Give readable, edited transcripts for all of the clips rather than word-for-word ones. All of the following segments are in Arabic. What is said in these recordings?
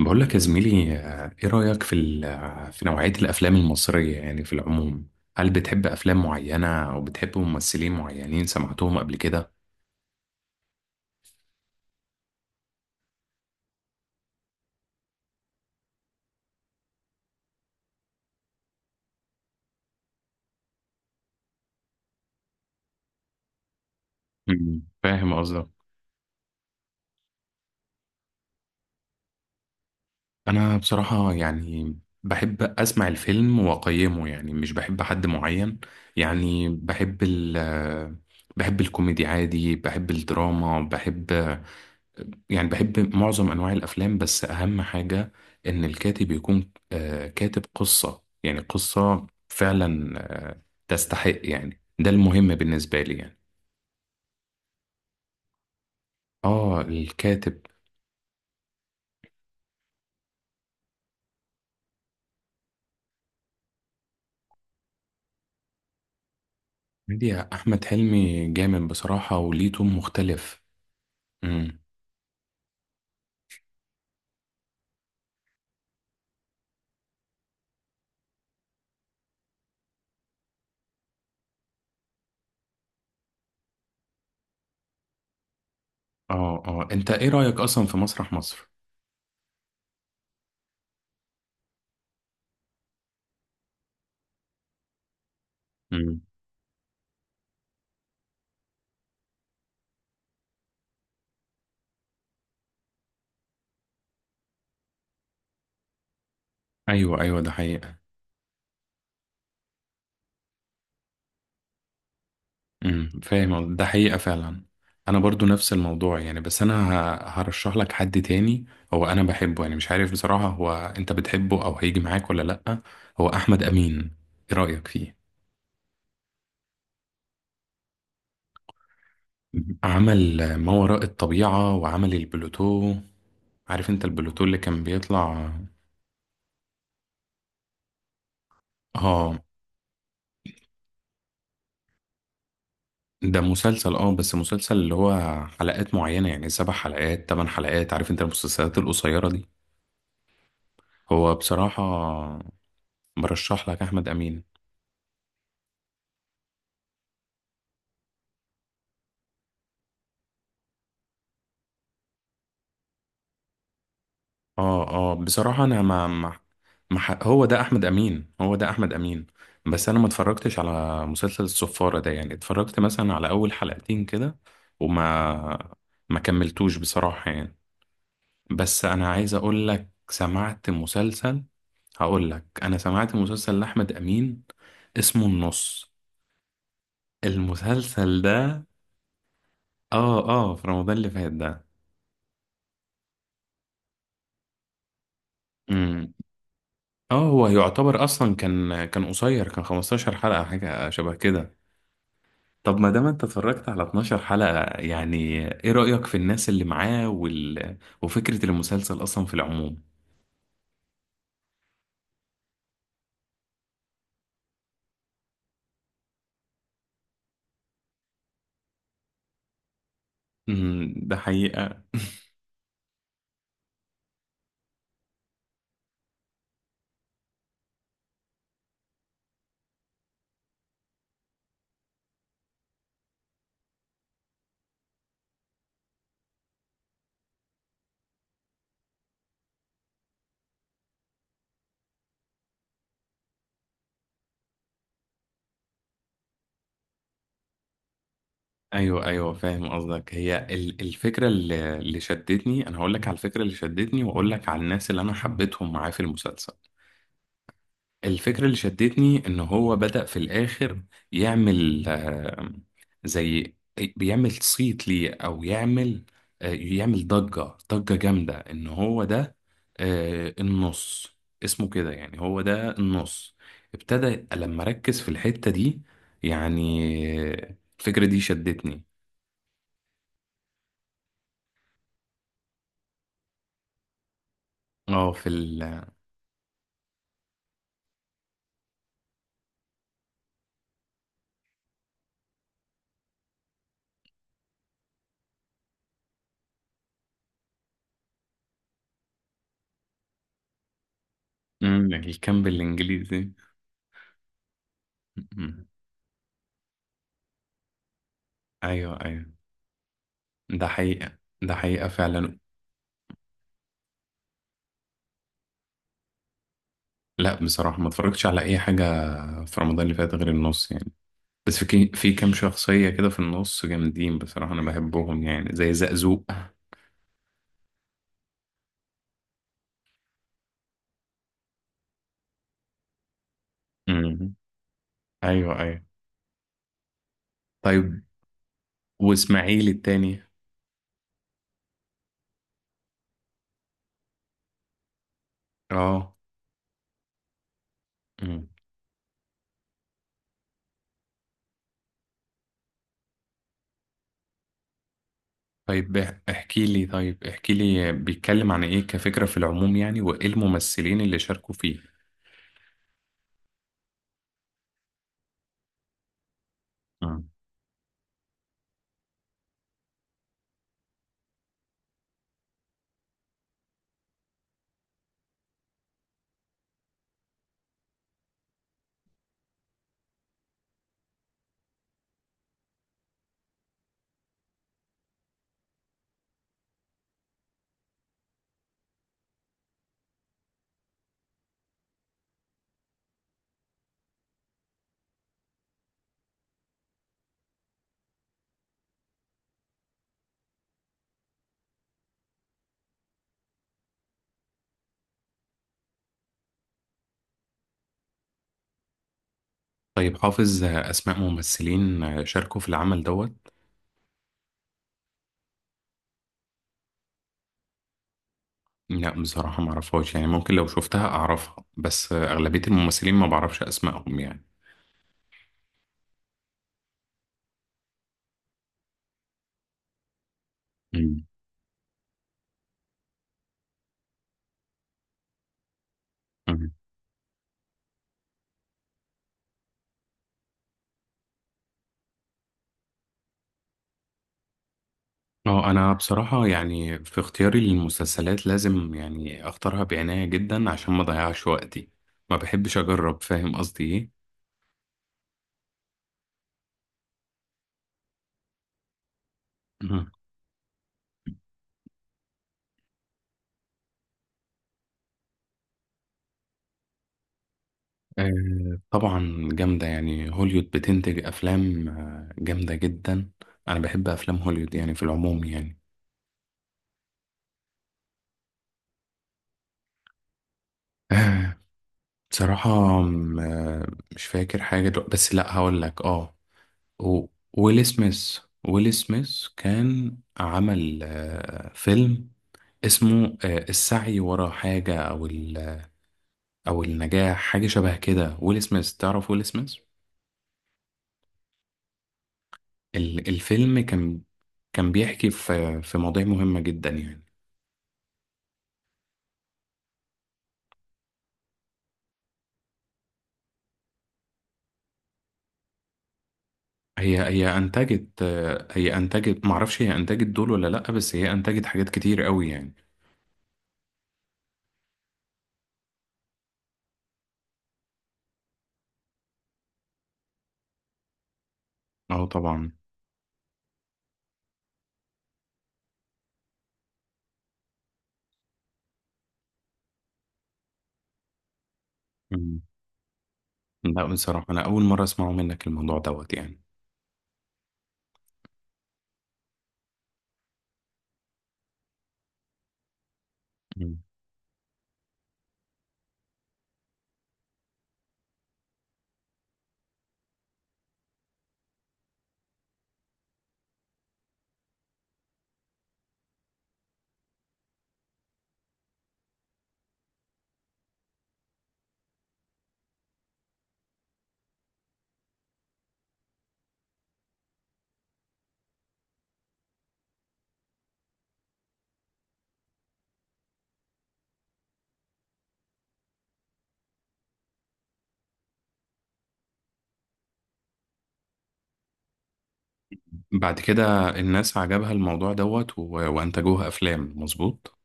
بقول لك يا زميلي ايه رأيك في في نوعية الافلام المصرية يعني في العموم. هل بتحب افلام معينة او بتحب ممثلين معينين سمعتهم قبل كده؟ مم، فاهم قصدك. انا بصراحة يعني بحب اسمع الفيلم واقيمه، يعني مش بحب حد معين، يعني بحب ال آه، بحب الكوميدي عادي، بحب الدراما، بحب يعني بحب معظم أنواع الأفلام، بس أهم حاجة إن الكاتب يكون كاتب قصة، يعني قصة فعلا آه، تستحق، يعني ده المهم بالنسبة لي يعني. آه الكاتب. ميديا أحمد حلمي جامد بصراحة وليه تون مختلف. مم. أنت إيه رأيك أصلا في مسرح مصر؟ مم. أيوه أيوه ده حقيقة. امم، فاهم، ده حقيقة فعلا. انا برضو نفس الموضوع يعني، بس انا هرشح لك حد تاني. هو انا بحبه يعني، مش عارف بصراحة، هو انت بتحبه او هيجي معاك ولا لأ؟ هو احمد امين، ايه رأيك فيه؟ عمل ما وراء الطبيعة وعمل البلوتو. عارف انت البلوتو اللي كان بيطلع؟ اه ده مسلسل، اه بس مسلسل اللي هو حلقات معينة، يعني سبع حلقات تمن حلقات، عارف انت المسلسلات القصيرة دي. هو بصراحة برشح لك احمد امين. اه اه بصراحة انا ما ح- هو ده احمد امين، هو ده احمد امين. بس انا ما اتفرجتش على مسلسل الصفارة ده يعني، اتفرجت مثلا على اول حلقتين كده، وما ما كملتوش بصراحة يعني. بس انا عايز اقول لك سمعت مسلسل، هقول لك انا سمعت مسلسل لاحمد امين اسمه النص، المسلسل ده. اه اه في رمضان اللي فات ده. امم. اه هو يعتبر اصلا كان قصير، كان 15 حلقة حاجة شبه كده. طب ما دام انت اتفرجت على 12 حلقة يعني، ايه رأيك في الناس اللي معاه وال... وفكرة المسلسل اصلا في العموم؟ امم، ده حقيقة. ايوه ايوه فاهم قصدك، هي الفكرة اللي شدتني. انا هقول لك على الفكرة اللي شدتني واقول لك على الناس اللي انا حبيتهم معاه في المسلسل. الفكرة اللي شدتني إن هو بدأ في الآخر يعمل زي بيعمل صيت ليه، أو يعمل يعمل ضجة، ضجة جامدة إن هو ده النص، اسمه كده يعني، هو ده النص. ابتدى لما ركز في الحتة دي يعني، الفكرة دي شدتني. اه في ال، مم، الكامب الإنجليزي. مم. أيوه أيوه، ده حقيقة، ده حقيقة فعلا. لا بصراحة ما اتفرجتش على أي حاجة في رمضان اللي فات غير النص يعني. بس في كام شخصية كده في النص جامدين بصراحة، أنا بحبهم يعني، زي زقزوق. امم. أيوه أيوه. طيب، وإسماعيل التاني؟ أه. امم. طيب احكي لي، طيب احكي لي بيتكلم عن إيه كفكرة في العموم يعني، وإيه الممثلين اللي شاركوا فيه؟ امم. طيب حافظ أسماء ممثلين شاركوا في العمل دوت؟ لا بصراحة ما اعرفهاش يعني، ممكن لو شفتها اعرفها، بس اغلبية الممثلين ما بعرفش اسمائهم يعني. مم. مم. اه انا بصراحة يعني في اختياري للمسلسلات لازم يعني اختارها بعناية جدا عشان ما اضيعش وقتي، ما بحبش اجرب، فاهم قصدي ايه؟ مم. آه طبعا جامدة يعني، هوليوود بتنتج افلام جامدة جدا. انا بحب افلام هوليوود يعني في العموم يعني. آه بصراحة، م- آه، مش فاكر حاجة دلوقتي، بس لا هقول لك اه، و- ويل سميث، ويل سميث كان عمل فيلم اسمه السعي ورا حاجة، أو أو النجاح، حاجة شبه كده. ويل سميث، تعرف ويل سميث؟ الفيلم كان بيحكي في في مواضيع مهمة جدا يعني. هي أنتجت، هي أنتجت، معرفش هي أنتجت دول ولا لأ، بس هي أنتجت حاجات كتير قوي يعني. أه طبعا. مم. لا بصراحة أنا أول مرة أسمعه منك الموضوع دوت يعني. بعد كده الناس عجبها الموضوع دوت و... وانتجوها افلام، مظبوط.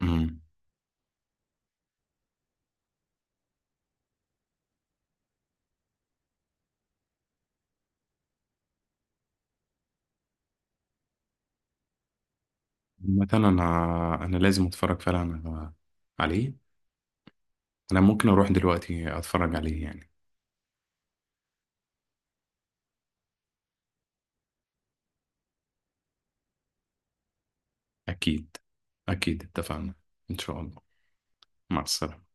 امم. مثلا انا لازم اتفرج فعلا عليه، انا ممكن اروح دلوقتي اتفرج عليه يعني. اكيد، اكيد اتفقنا. ان شاء الله. مع السلامة.